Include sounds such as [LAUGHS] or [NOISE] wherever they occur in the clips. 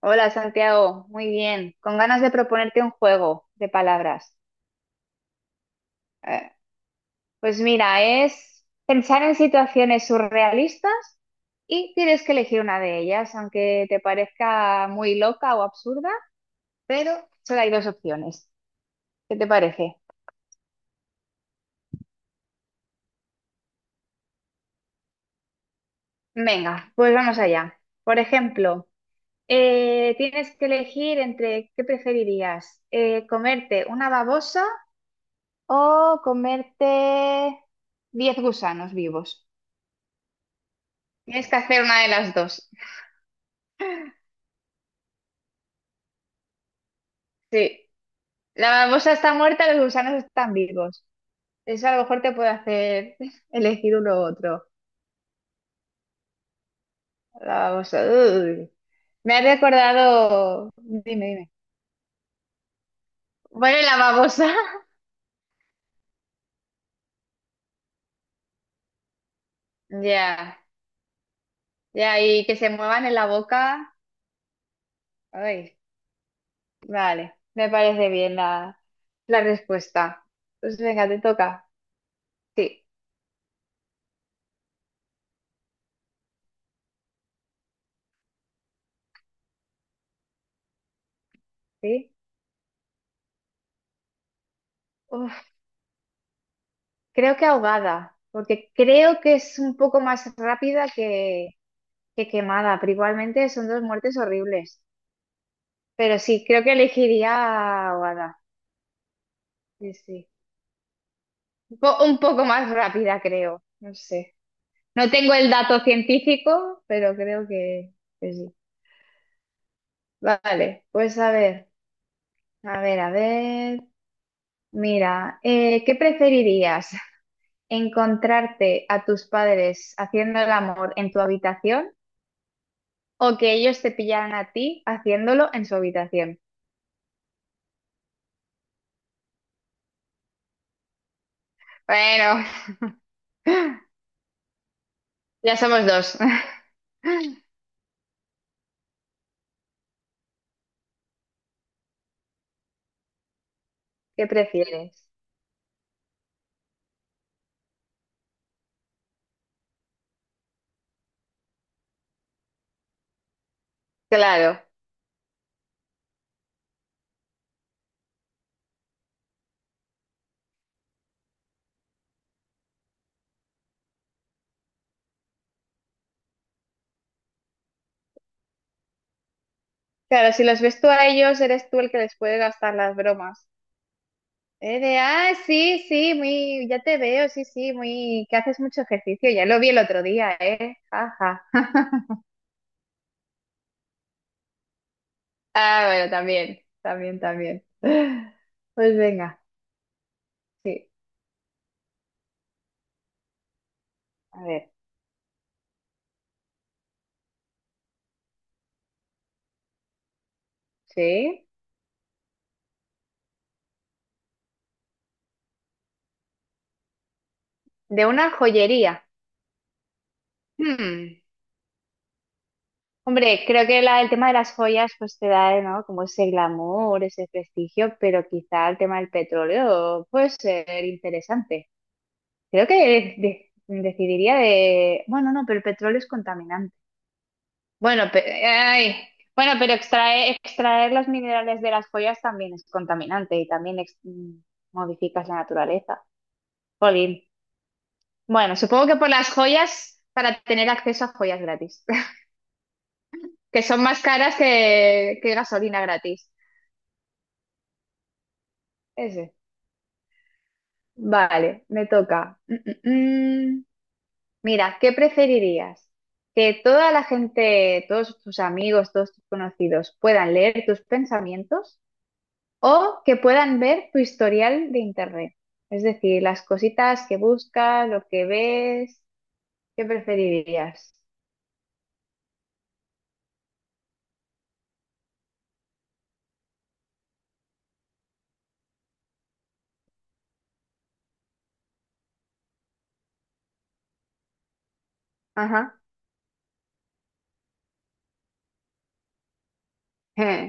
Hola Santiago, muy bien. Con ganas de proponerte un juego de palabras. Eh, pues mira, es pensar en situaciones surrealistas y tienes que elegir una de ellas, aunque te parezca muy loca o absurda, pero solo hay dos opciones. ¿Qué te parece? Venga, pues vamos allá. Por ejemplo, tienes que elegir entre qué preferirías, comerte una babosa o comerte 10 gusanos vivos. Tienes que hacer una de las dos. Sí. La babosa está muerta, los gusanos están vivos. Eso a lo mejor te puede hacer [LAUGHS] elegir uno u otro. La babosa. Uy. Me has recordado. Dime, dime. Bueno, la babosa. [LAUGHS] Ya, ya, y que se muevan en la boca. Ay, vale, me parece bien la, la respuesta. Pues venga, te toca. Sí, sí. Uf, creo que ahogada, porque creo que es un poco más rápida que, Qué quemada, pero igualmente son dos muertes horribles. Pero sí, creo que elegiría a Wada. Sí, sí. Un poco más rápida, creo. No sé. No tengo el dato científico, pero creo que sí. Vale, pues a ver, a ver, a ver. Mira, ¿qué preferirías? [LAUGHS] ¿Encontrarte a tus padres haciendo el amor en tu habitación o que ellos te pillaran a ti haciéndolo en su habitación? Bueno, [LAUGHS] ya somos dos. [LAUGHS] ¿Qué prefieres? Claro, claro, si los ves tú a ellos, eres tú el que les puede gastar las bromas. De, ah, sí, sí, muy, ya te veo, sí, sí, muy, que haces mucho ejercicio, ya lo vi el otro día, ¿eh? Ajá. [LAUGHS] Ah, bueno, también, también, también. Pues venga, sí, a ver, sí. De una joyería. Hmm, hombre, creo que el tema de las joyas pues te da, ¿no? Como ese glamour, ese prestigio, pero quizá el tema del petróleo puede ser interesante. Creo que Bueno, no, pero el petróleo es contaminante. Bueno, ay. Bueno, pero extraer los minerales de las joyas también es contaminante y también modificas la naturaleza. Jolín. Bueno, supongo que por las joyas, para tener acceso a joyas gratis, [LAUGHS] que son más caras que gasolina gratis. Ese. Vale, me toca. Mm, mm, mm. Mira, ¿qué preferirías? ¿Que toda la gente, todos tus amigos, todos tus conocidos puedan leer tus pensamientos o que puedan ver tu historial de internet? Es decir, las cositas que buscas, lo que ves, ¿qué preferirías? Ajá.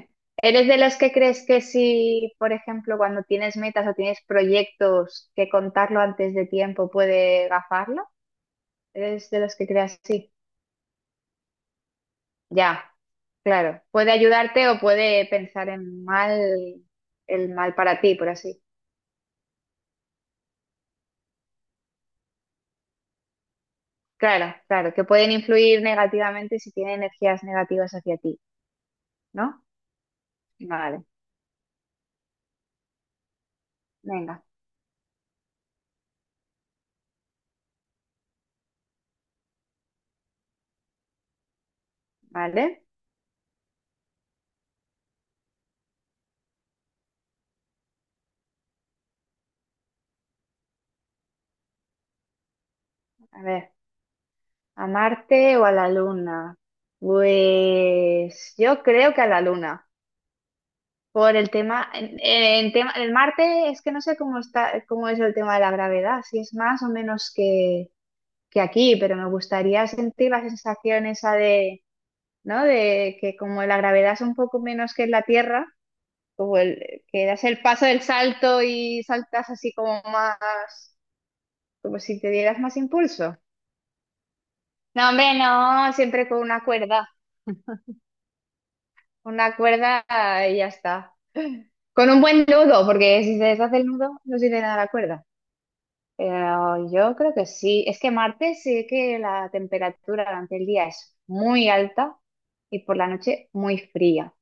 [LAUGHS] ¿Eres de los que crees que si, por ejemplo, cuando tienes metas o tienes proyectos, que contarlo antes de tiempo puede gafarlo? ¿Eres de los que creas así? Ya, claro. Puede ayudarte o puede pensar en mal, el mal para ti, por así. Claro, claro, que pueden influir negativamente si tienen energías negativas hacia ti, ¿no? Vale, venga, vale. A ver, ¿a Marte o a la Luna? Pues yo creo que a la Luna, por el tema, en tema, el Marte es que no sé cómo está, cómo es el tema de la gravedad, si es más o menos que aquí, pero me gustaría sentir la sensación esa de ¿no? De que como la gravedad es un poco menos que en la Tierra, como el, que das el paso del salto y saltas así como más, como si te dieras más impulso. No, hombre, no, siempre con una cuerda y ya está. Con un buen nudo, porque si se deshace el nudo, no sirve de nada la cuerda. Pero yo creo que sí. Es que Marte sí que la temperatura durante el día es muy alta y por la noche muy fría.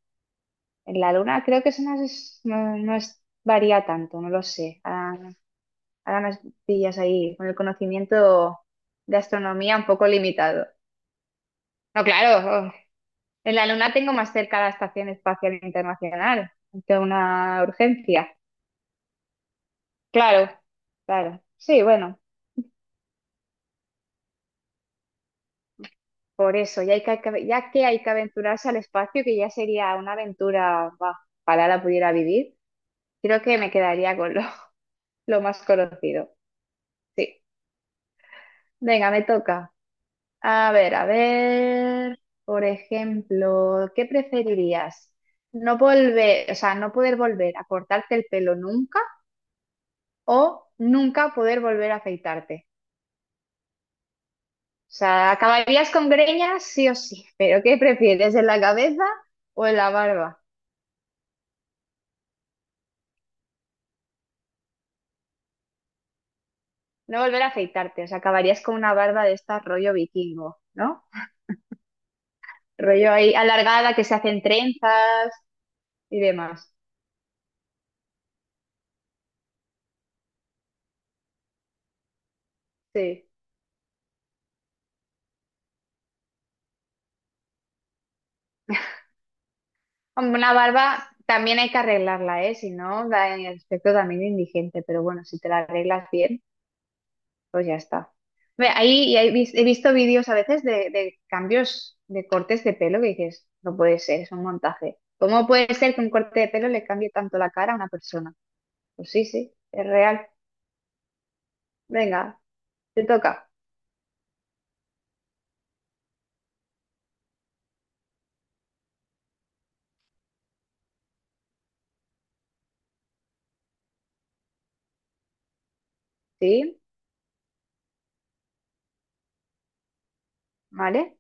En la luna creo que eso no varía tanto, no lo sé. Ahora, ahora me pillas ahí con el conocimiento de astronomía un poco limitado. No, claro, oh, en la luna tengo más cerca la Estación Espacial Internacional, ante una urgencia. Claro, claro. Sí, bueno, por eso, ya, ya que hay que aventurarse al espacio, que ya sería una aventura, bah, ojalá la pudiera vivir, creo que me quedaría con lo, [LAUGHS] lo más conocido. Sí, venga, me toca. A ver, por ejemplo, ¿qué preferirías? No volver, o sea, no poder volver a cortarte el pelo nunca o nunca poder volver a afeitarte. O sea, acabarías con greñas sí o sí, [LAUGHS] pero ¿qué prefieres, en la cabeza o en la barba? No volver a afeitarte, o sea, acabarías con una barba de esta rollo vikingo, ¿no? Rollo ahí alargada que se hacen trenzas y demás. Sí. Hombre, una barba también hay que arreglarla, ¿eh? Si no, da en el aspecto también de indigente, pero bueno, si te la arreglas bien, pues ya está. Ve, ahí y ahí he visto vídeos a veces de cambios de cortes de pelo que dices, no puede ser, es un montaje. ¿Cómo puede ser que un corte de pelo le cambie tanto la cara a una persona? Pues sí, sí, es real. Venga, te toca. ¿Sí? ¿Vale?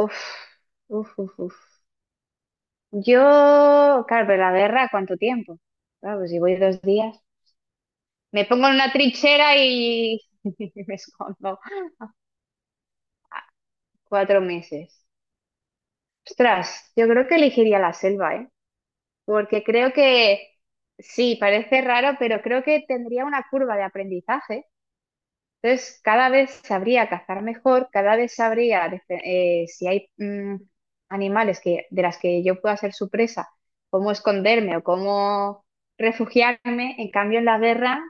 Uf, uf, uf, uf. Yo, claro, pero la guerra, ¿cuánto tiempo? Claro, pues si voy 2 días. Me pongo en una trinchera y [LAUGHS] y me escondo. Ah, 4 meses. Ostras, yo creo que elegiría la selva, ¿eh? Porque creo que, sí, parece raro, pero creo que tendría una curva de aprendizaje. Entonces, cada vez sabría cazar mejor, cada vez sabría si hay animales que, de las que yo pueda ser su presa, cómo esconderme o cómo refugiarme. En cambio, en la guerra,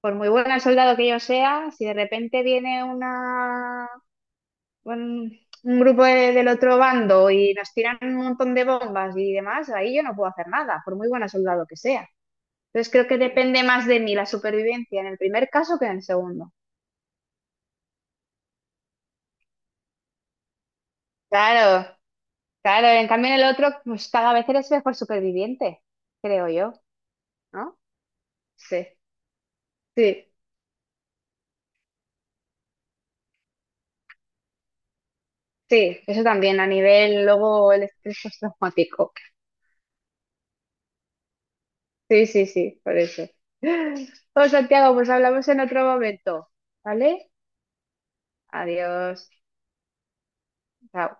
por muy buen soldado que yo sea, si de repente viene un grupo del otro bando y nos tiran un montón de bombas y demás, ahí yo no puedo hacer nada, por muy buen soldado que sea. Entonces, creo que depende más de mí la supervivencia en el primer caso que en el segundo. Claro. Claro, en cambio en el otro, pues cada vez eres mejor superviviente, creo yo, ¿no? Sí, sí, sí, eso también a nivel luego el estrés postraumático. Sí, sí, sí, por eso. [GASPS] Pues Santiago, pues hablamos en otro momento, ¿vale? Adiós. Chao.